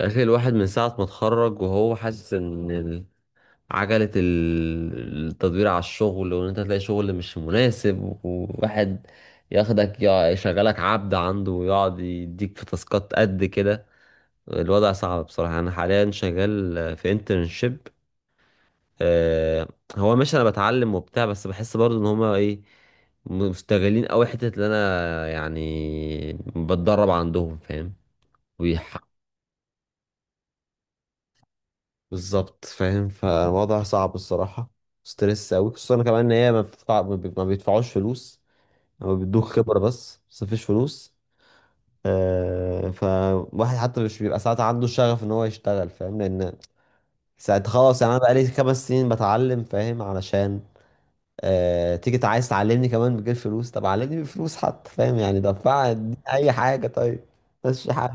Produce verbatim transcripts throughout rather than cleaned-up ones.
الاخير الواحد من ساعة ما اتخرج وهو حاسس ان ال- عجلة ال- التدوير على الشغل وان انت تلاقي شغل مش مناسب، وواحد ياخدك يع- يشغلك عبد عنده ويقعد يديك في تاسكات قد كده. الوضع صعب بصراحة، انا حاليا شغال في انترنشيب. هو ماشي، انا بتعلم وبتاع، بس بحس برضو ان هما ايه، مستغلين قوي حتة اللي انا يعني بتدرب عندهم، فاهم؟ بالظبط، فاهم، فالوضع صعب الصراحة. ستريس أوي، خصوصا كمان إن هي ما بتدفع، ما بي- ما بيدفعوش فلوس. هما بيدوك خبرة، بس بس مفيش فلوس. آه، فواحد حتى مش بيبقى ساعات عنده شغف إن هو يشتغل، فاهم؟ لأن ساعات خلاص، يعني أنا بقالي خمس سنين بتعلم، فاهم؟ علشان آه، تيجي تع- عايز تعلمني كمان بغير فلوس؟ طب علمني بفلوس حتى، فاهم يعني؟ دفع اديني أي حاجة، طيب، بس حاجة.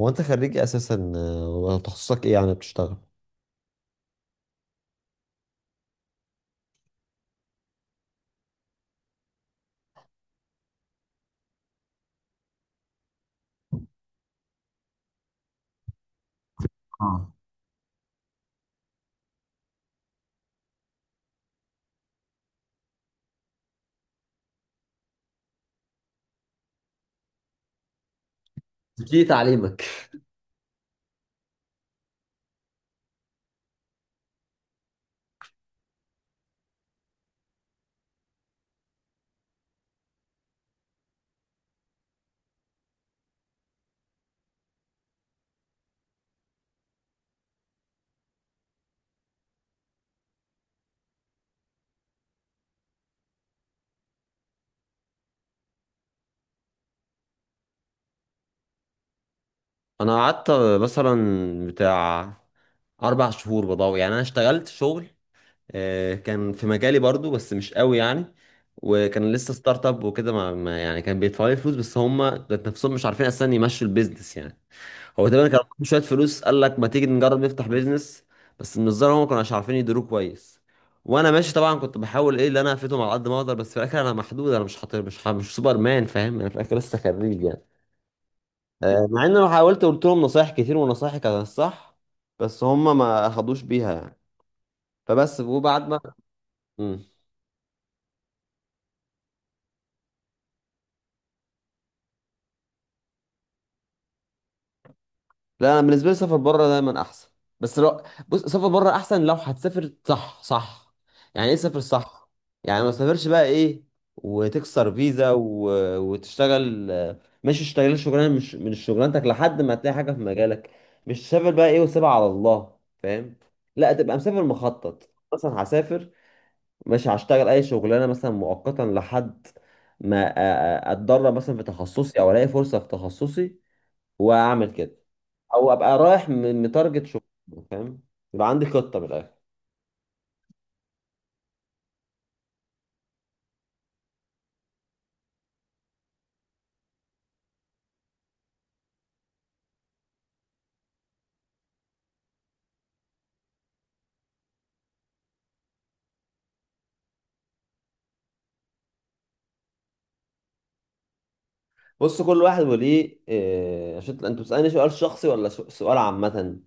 هو أنت خريج إيه أساسا، آه، وتخصصك إيه يعني بتشتغل؟ اه، دي تعليمك. انا قعدت مثلا بتاع اربع شهور بضوء. يعني انا اشتغلت شغل، آه، كان في مجالي برضو بس مش قوي يعني. وكان لسه ستارت اب وكده، ما ما- يعني كان بيدفعوا لي فلوس، بس هم ذات نفسهم مش عارفين اصلا يمشوا البيزنس يعني. هو تقريبا كان معاهم شويه فلوس، قال لك ما تيجي نجرب نفتح بيزنس. بس من الظاهر هم ما كانوش عارفين يديروه كويس. وانا ماشي طبعا، كنت بحاول ايه اللي انا افيدهم على قد ما اقدر، بس في الاخر انا محدود، انا مش حاطط، مش ح- مش سوبر مان، فاهم؟ انا في الاخر لسه خريج يعني. آه، مع ان انا حاولت قلت لهم نصايح كتير، ونصايحي كانت الصح، بس هم ما اخدوش بيها يعني. فبس، وبعد ما مم. لا، انا بالنسبه لي سفر بره دايما احسن. بس لو، بص، سفر بره احسن لو هتسافر صح صح. يعني ايه سافر صح؟ يعني ما تسافرش بقى ايه وتكسر فيزا و... وتشتغل، آه، مش تشتغل شغلانه مش من شغلانتك لحد ما تلاقي حاجه في مجالك. مش تسافر بقى ايه وسيبها على الله، فاهم؟ لا، تبقى مسافر مخطط. مثلا هسافر، مش هشتغل اي شغلانه مثلا، مؤقتا، لحد ما أ- أ- اتدرب مثلا في تخصصي، او الاقي فرصه في تخصصي واعمل كده، او ابقى رايح م- متارجت شغل، فاهم؟ يبقى عندي خطه من الاخر. بص، كل واحد وليه إيه، عشان انت بتسالني سؤال شخصي ولا س- سؤال عامه؟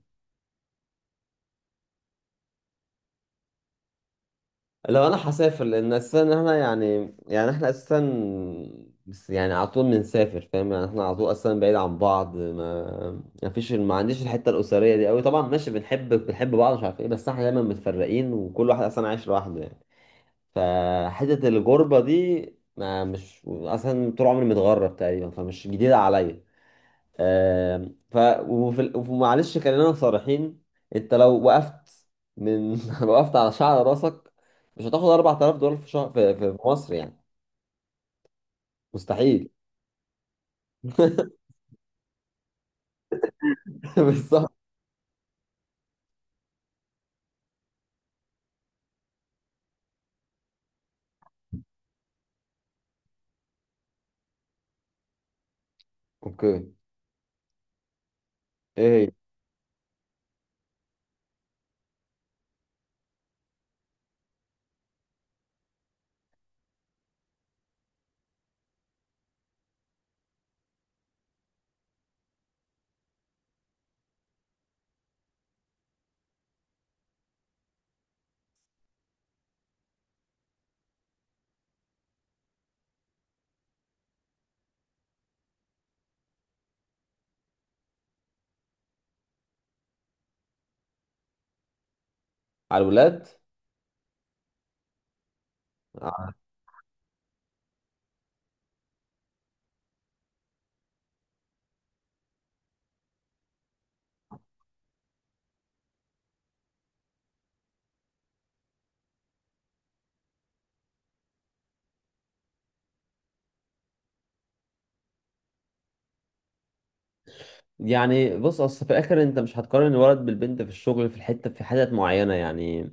لو انا هسافر، لان اساسا احنا يعني، يعني احنا اساسا بس يعني على طول بنسافر، فاهم يعني؟ احنا على طول اصلا بعيد عن بعض، ما ما فيش، ما عنديش الحته الاسريه دي قوي. طبعا ماشي، بنحب بنحب بعض، مش عارف ايه، بس احنا دايما متفرقين، وكل واحد اصلا عايش لوحده يعني. فحته الغربه دي، ما مش اصلا، طول عمري متغرب تقريبا، فمش جديده عليا. آم، ف وفي ال- ومعلش خلينا صريحين. انت لو وقفت من لو وقفت على شعر راسك مش هتاخد أربعة آلاف دولار في شهر في, في في مصر يعني. مستحيل. بالظبط. اوكي، ايه هي؟ على الولاد. يعني بص، اصل في الاخر انت مش هتقارن الولد بالبنت في الشغل، في الحته في حتت معينه يعني.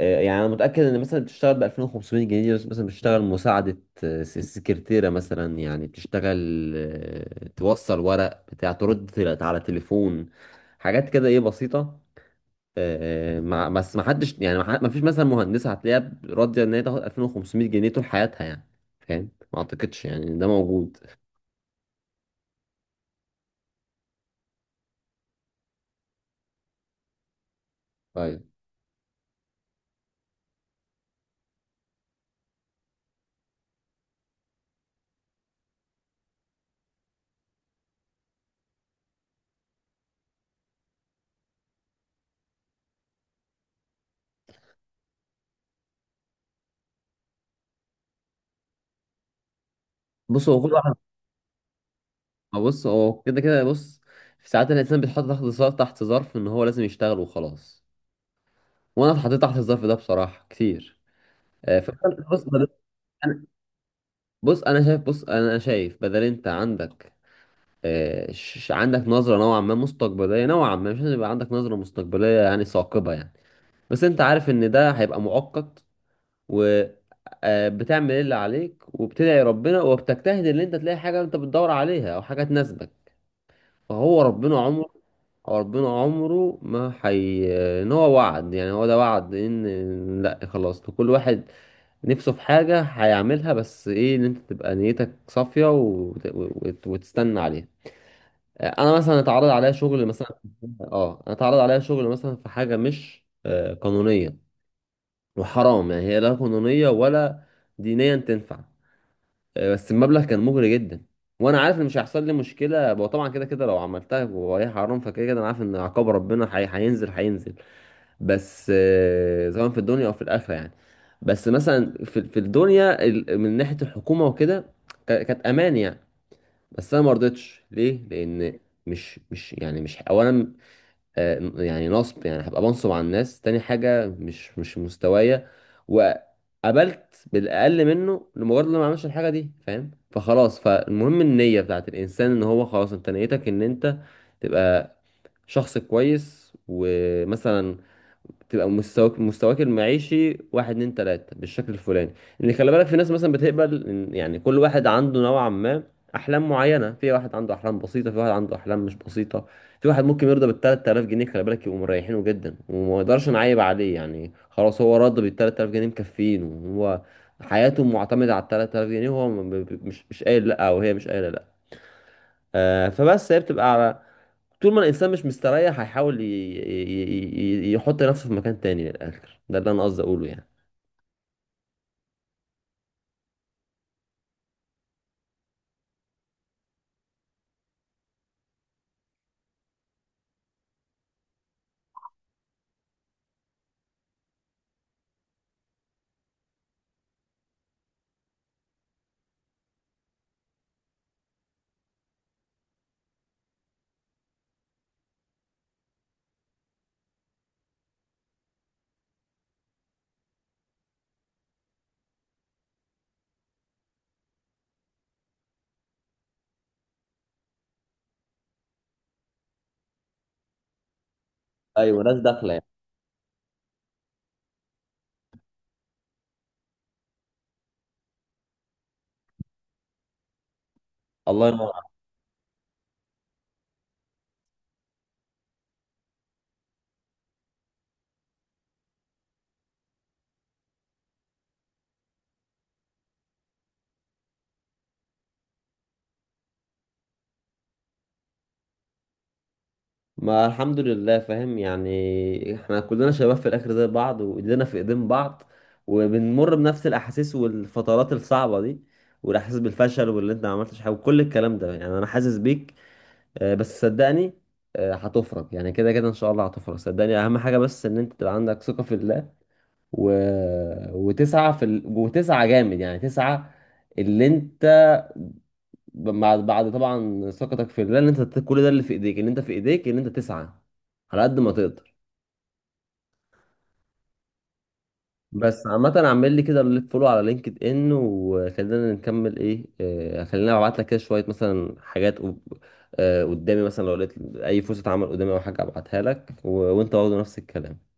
آه، يعني انا متاكد ان مثلا بتشتغل ب ألفين وخمسمية جنيه، بس مثلا بتشتغل مساعده، آه، س- سكرتيره مثلا، يعني بتشتغل، آه، توصل ورق بتاع، ترد تل- على تليفون، حاجات كده ايه بسيطه. آه، آه، مع بس ما حدش يعني، ما فيش مثلا مهندسه هتلاقيها ب- راضيه ان هي تاخد ألفين وخمسمائة جنيه طول حياتها يعني، فاهم؟ ما اعتقدش يعني إن ده موجود. طيب، بص، هو كل واحد، بص هو كده كده بص، في ساعات الانسان بيتحط تحت ظرف، تحت ظرف ان هو لازم يشتغل وخلاص. وانا اتحطيت تحت الظرف ده بصراحه كتير. آه، فكان- بص بدل- أنا- بص انا شايف بص انا شايف، بدل انت عندك، آه، ش- عندك نظره نوعا ما مستقبليه، نوعا ما مش لازم يبقى عندك نظره مستقبليه يعني ثاقبه يعني. بس انت عارف ان ده هيبقى مؤقت، وبتعمل اللي عليك، وبتدعي ربنا، وبتجتهد ان انت تلاقي حاجه انت بتدور عليها او حاجه تناسبك. فهو ربنا عمره هو ربنا عمره ما حي، ان هو وعد. يعني هو ده وعد، ان لا، خلاص، لكل واحد نفسه في حاجة هيعملها، بس ايه، ان انت تبقى نيتك صافية، وت... وت... وتستنى عليها. آه، انا مثلا اتعرض عليا شغل مثلا اه انا اتعرض عليا شغل مثلا في حاجة مش آه، قانونية، وحرام، يعني هي لا قانونية ولا دينيا تنفع. آه، بس المبلغ كان مغري جدا. وانا عارف ان مش هيحصل لي مشكلة، وطبعا كده كده لو عملتها وهي حرام، فكده كده انا عارف ان عقاب ربنا حي... هينزل هينزل، بس آه، سواء في الدنيا او في الاخره يعني. بس مثلا في في الدنيا، ال- من ناحيه الحكومه وكده، ك- كانت امان يعني. بس انا ما رضيتش، ليه؟ لان، مش مش يعني مش اولا آه، يعني نصب، يعني هبقى بنصب على الناس. تاني حاجه، مش مش مستوايا. وقبلت بالاقل منه، لمجرد إن أنا ما عملش الحاجه دي، فاهم؟ فخلاص، فالمهم النيه بتاعت الانسان، ان هو خلاص، انت نيتك ان انت تبقى شخص كويس. ومثلا تبقى مستواك، مستواك المعيشي، واحد اتنين تلاتة، بالشكل الفلاني، اللي خلي بالك، في ناس مثلا بتقبل إن- يعني. كل واحد عنده نوعا ما أحلام معينة، في واحد عنده أحلام بسيطة، في واحد عنده أحلام مش بسيطة، في واحد ممكن يرضى بالتلات آلاف جنيه. خلي بالك، يبقوا مريحينه جدا، وما يقدرش نعيب عليه يعني، خلاص هو راضي بالتلات آلاف جنيه، مكفيين، وهو حياته معتمدة على التلات آلاف جنيه، وهو م- ب- ب- مش مش قايل لأ، أو هي مش قايلة لأ. آه، فبس، هي بتبقى على طول ما الانسان مش مستريح، هيحاول ي- ي- ي- يحط نفسه في مكان تاني. من الاخر، ده اللي انا قصدي اقوله يعني. ايوه، ناس داخله يعني. الله ينور عليك. ما الحمد لله، فاهم؟ يعني احنا كلنا شباب في الاخر زي بعض، وايدينا في ايدين بعض، وبنمر بنفس الاحاسيس والفترات الصعبه دي، والاحساس بالفشل واللي انت ما عملتش حاجه، وكل الكلام ده يعني، انا حاسس بيك. آه، بس صدقني، آه، هتفرج يعني، كده كده ان شاء الله هتفرج، صدقني. اهم حاجه بس ان انت تبقى عندك ثقه في الله، و... وتسعة في ال... وتسعة جامد، يعني تسعة اللي انت، بعد، بعد طبعا ثقتك في الله، ان انت كل ده اللي في ايديك، ان انت في ايديك ان انت تسعة على قد ما تقدر. بس عامة، اعمل لي كده، اللي فولو على لينكد ان، وخلينا نكمل ايه، آه، خلينا ابعت لك كده شوية مثلا حاجات قب- آه، قدامي. مثلا لو لقيت اي فرصة عمل قدامي، او حاجة ابعتها لك، و... وانت برضه نفس الكلام.